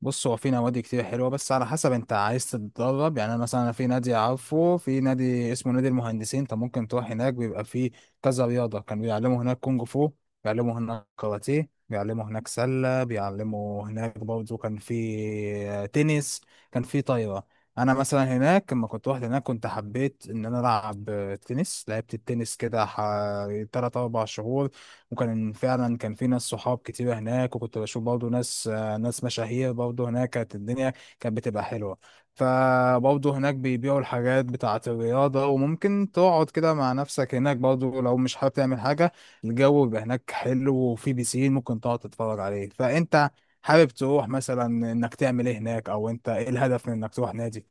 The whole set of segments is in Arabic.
بص، هو في نوادي كتير حلوه بس على حسب انت عايز تتدرب يعني. انا مثلا في نادي، عارفه، في نادي اسمه نادي المهندسين. انت ممكن تروح هناك، بيبقى فيه كذا رياضه. كانوا بيعلموا هناك كونج فو، بيعلموا هناك كاراتيه، بيعلموا هناك سله، بيعلموا هناك برضه كان في تنس، كان في طايره. انا مثلا هناك لما كنت رحت هناك كنت حبيت ان انا العب تنس، لعبت التنس كده حوالي 3 4 شهور. وكان فعلا كان في ناس صحاب كتير هناك، وكنت بشوف برضه ناس، ناس مشاهير برضه هناك. كانت الدنيا كانت بتبقى حلوة. فبرضه هناك بيبيعوا الحاجات بتاعة الرياضة، وممكن تقعد كده مع نفسك هناك برضه لو مش حابب تعمل حاجة. الجو بيبقى هناك حلو، وفي بيسين ممكن تقعد تتفرج عليه. فأنت حابب تروح مثلا إنك تعمل إيه هناك، أو أنت إيه الهدف من إنك تروح نادي؟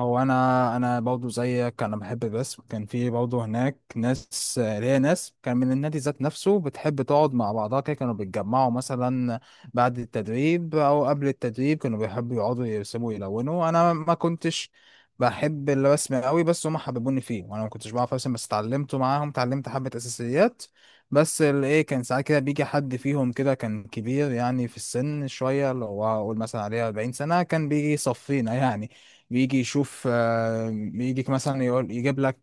هو انا برضه زيك انا بحب الرسم. كان في برضه هناك ناس كان من النادي ذات نفسه بتحب تقعد مع بعضها كده. كانوا بيتجمعوا مثلا بعد التدريب او قبل التدريب، كانوا بيحبوا يقعدوا يرسموا يلونوا. انا ما كنتش بحب الرسم قوي، بس هم حببوني فيه، وانا ما كنتش بعرف ارسم بس اتعلمته معاهم، اتعلمت حبة اساسيات. بس الايه، كان ساعات كده بيجي حد فيهم كده كان كبير يعني في السن شوية، اللي هو اقول مثلا عليه 40 سنة، كان بيجي يصفينا يعني. بيجي يشوف يجيك مثلا يقول يجيب لك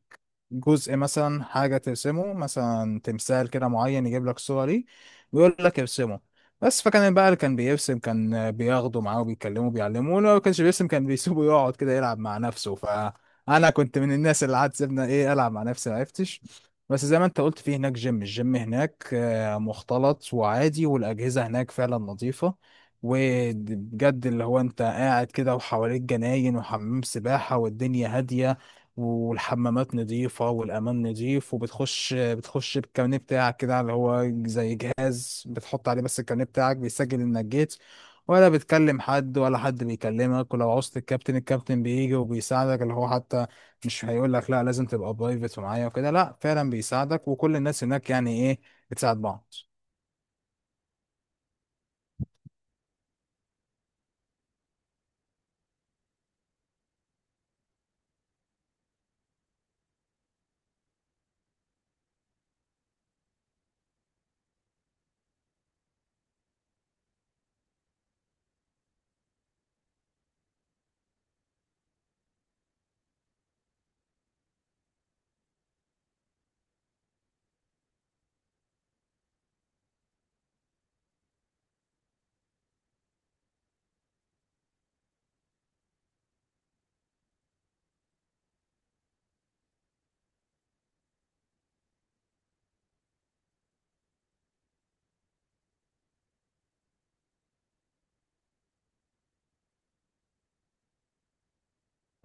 جزء مثلا حاجة ترسمه، مثلا تمثال كده معين، يجيب لك صورة ليه ويقول لك ارسمه. بس فكان بقى اللي كان بيرسم كان بياخده معاه وبيكلمه بيعلمه، ولو ما كانش بيرسم كان بيسيبه يقعد كده يلعب مع نفسه. فأنا كنت من الناس اللي قعدت، سيبنا إيه، ألعب مع نفسي، معرفتش. بس زي ما أنت قلت، في هناك جيم، الجيم هناك مختلط وعادي، والأجهزة هناك فعلا نظيفة. وبجد اللي هو أنت قاعد كده وحواليك جناين وحمام سباحة، والدنيا هادية والحمامات نظيفة والأمان نظيف. وبتخش بتخش بالكارنيه بتاعك كده، اللي هو زي جهاز بتحط عليه بس الكارنيه بتاعك بيسجل إنك جيت. ولا بتكلم حد ولا حد بيكلمك، ولو عوزت الكابتن بيجي وبيساعدك، اللي هو حتى مش هيقول لك لا لازم تبقى برايفت ومعايا وكده، لا فعلا بيساعدك. وكل الناس هناك يعني ايه، بتساعد بعض.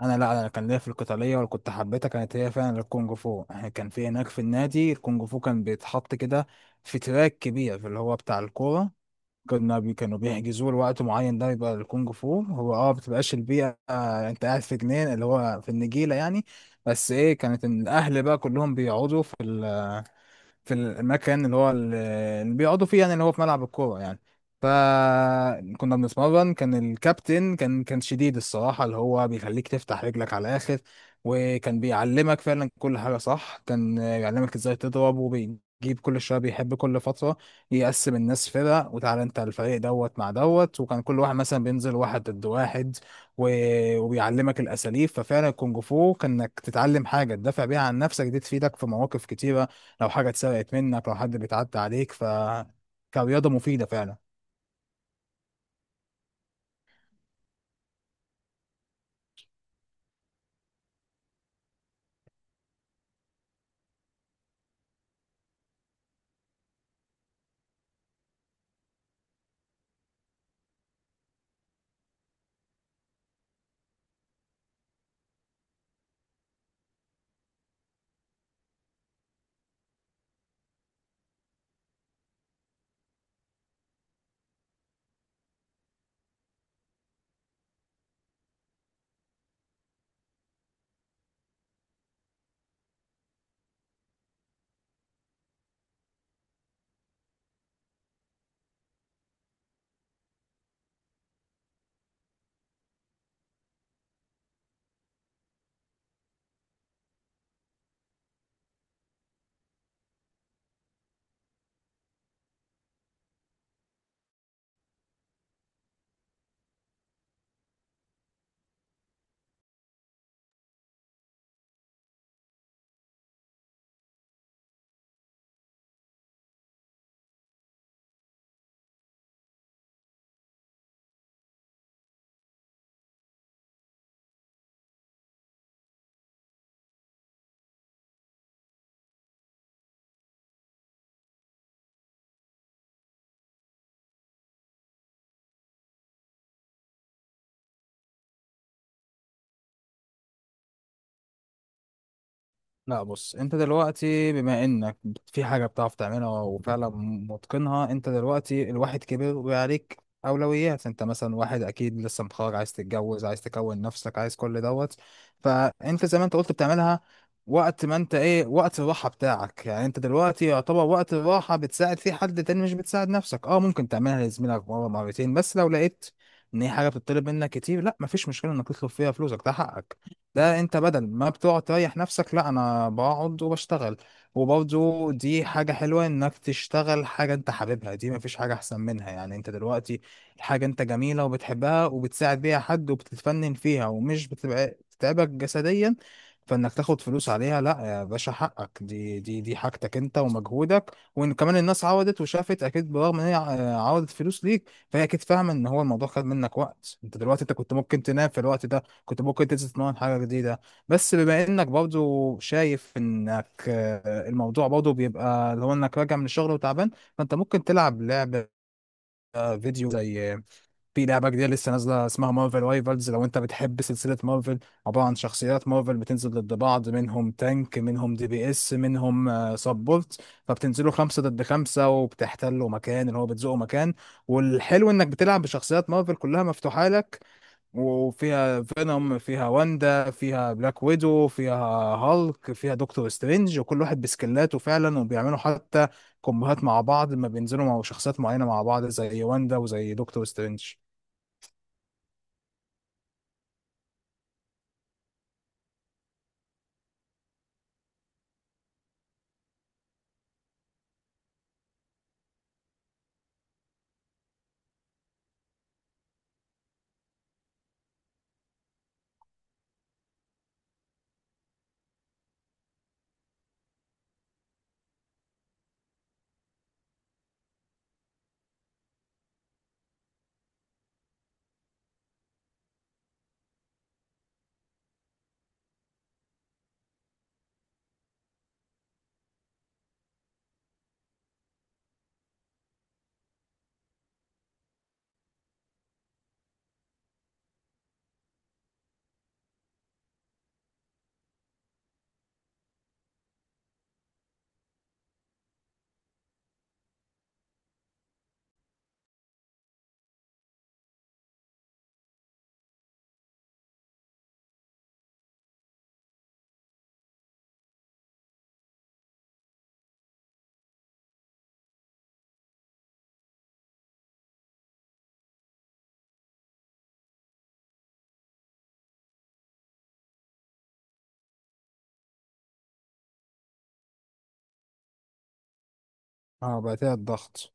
انا لا، انا كان ليا في القتاليه، ولا كنت حبيتها، كانت هي فعلا الكونج فو. يعني كان في هناك في النادي الكونج فو كان بيتحط كده في تراك كبير، في اللي هو بتاع الكوره. كنا بي كانوا بيحجزوا له وقت معين، ده يبقى الكونج فو هو بتبقاش البيئة انت قاعد في جنين اللي هو في النجيلة يعني. بس ايه، كانت إن الاهل بقى كلهم بيقعدوا في المكان اللي هو اللي بيقعدوا فيه، يعني اللي هو في ملعب الكورة يعني. فكنا بنتمرن، كان الكابتن كان شديد الصراحة، اللي هو بيخليك تفتح رجلك على الآخر. وكان بيعلمك فعلا كل حاجة صح، كان بيعلمك ازاي تضرب. وبيجيب كل شوية، بيحب كل فترة يقسم الناس فرق، وتعالى انت الفريق دوت مع دوت، وكان كل واحد مثلا بينزل واحد ضد واحد. وبيعلمك الأساليب. ففعلا الكونج فو كانك تتعلم حاجة تدافع بيها عن نفسك، دي تفيدك في مواقف كتيرة، لو حاجه اتسرقت منك، لو حد بيتعدى عليك. فكرياضه مفيده فعلا. لا بص، انت دلوقتي بما انك في حاجة بتعرف تعملها وفعلا متقنها، انت دلوقتي الواحد كبر وعليك اولويات. انت مثلا واحد اكيد لسه متخرج، عايز تتجوز، عايز تكون نفسك، عايز كل دوت. فانت زي ما انت قلت بتعملها وقت ما انت ايه، وقت الراحة بتاعك، يعني انت دلوقتي يعتبر وقت الراحة بتساعد فيه حد تاني، مش بتساعد نفسك. اه ممكن تعملها لزميلك مرة مرتين، بس لو لقيت ان هي حاجة بتطلب منك كتير، لا مفيش مشكلة انك تطلب فيها فلوسك، ده حقك. ده انت بدل ما بتقعد تريح نفسك، لا انا بقعد وبشتغل. وبرضه دي حاجة حلوة انك تشتغل حاجة انت حاببها، دي مفيش حاجة احسن منها. يعني انت دلوقتي حاجة انت جميلة وبتحبها وبتساعد بيها حد وبتتفنن فيها، ومش بتتعبك جسديا. فانك تاخد فلوس عليها، لا يا باشا، حقك، دي حاجتك انت ومجهودك. وان كمان الناس عودت وشافت اكيد، برغم ان هي عودت فلوس ليك، فهي اكيد فاهمة ان هو الموضوع خد منك وقت. انت دلوقتي انت كنت ممكن تنام في الوقت ده، كنت ممكن تتمرن حاجة جديدة. بس بما انك برضو شايف انك الموضوع برضو بيبقى اللي هو انك راجع من الشغل وتعبان، فانت ممكن تلعب لعبة فيديو زي في لعبة جديدة لسه نازلة اسمها مارفل رايفلز لو انت بتحب سلسلة مارفل. عبارة عن شخصيات مارفل بتنزل ضد بعض، منهم تانك، منهم دي بي اس، منهم سبورت. فبتنزلوا خمسة ضد خمسة وبتحتلوا مكان، اللي هو بتزقوا مكان. والحلو انك بتلعب بشخصيات مارفل كلها مفتوحة لك. وفيها فينوم، فيها واندا، فيها بلاك ويدو، فيها هالك، فيها دكتور سترينج، وكل واحد بسكلاته فعلا، وبيعملوا حتى كومبوهات مع بعض لما بينزلوا مع شخصيات معينة مع بعض زي واندا وزي دكتور سترينج. اه بقى فيها الضغط.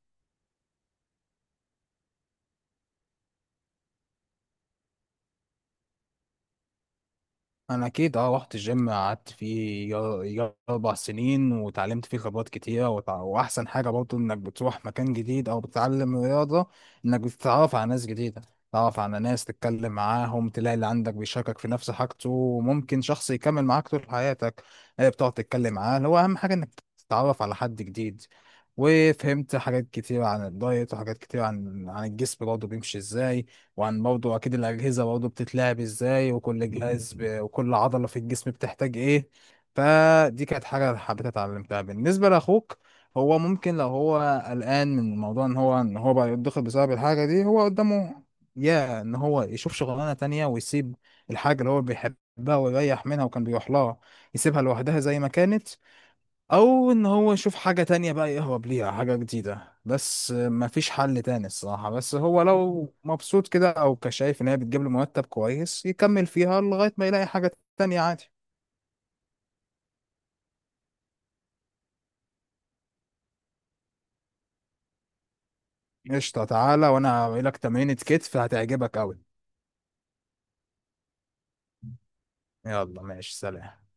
انا اكيد رحت الجيم، قعدت فيه يا 4 سنين، وتعلمت فيه خبرات كتيره، واحسن حاجه برضه انك بتروح مكان جديد او بتتعلم رياضه، انك بتتعرف على ناس جديده. تتعرف على ناس تتكلم معاهم، تلاقي اللي عندك بيشاركك في نفس حاجته، وممكن شخص يكمل معاك طول حياتك، اللي بتقعد تتكلم معاه. هو اهم حاجه انك تتعرف على حد جديد. وفهمت حاجات كتير عن الدايت، وحاجات كتير عن الجسم برضه بيمشي ازاي، وعن برضه اكيد الاجهزه برضه بتتلعب ازاي، وكل جهاز وكل عضله في الجسم بتحتاج ايه. فدي كانت حاجه حبيت اتعلمتها. بالنسبه لاخوك، هو ممكن لو هو قلقان من موضوع ان هو بقى يتضغط بسبب الحاجه دي، هو قدامه يا ان هو يشوف شغلانه تانية ويسيب الحاجه اللي هو بيحبها ويريح منها وكان بيروح لها، يسيبها لوحدها زي ما كانت، او ان هو يشوف حاجة تانية بقى يهرب ليها، حاجة جديدة. بس مفيش حل تاني الصراحة، بس هو لو مبسوط كده او كشايف ان هي بتجيب له مرتب كويس، يكمل فيها لغاية ما يلاقي حاجة تانية، عادي. قشطة، تعالى وانا هعمل لك تمرينة كتف هتعجبك اوي. يلا ماشي سلام.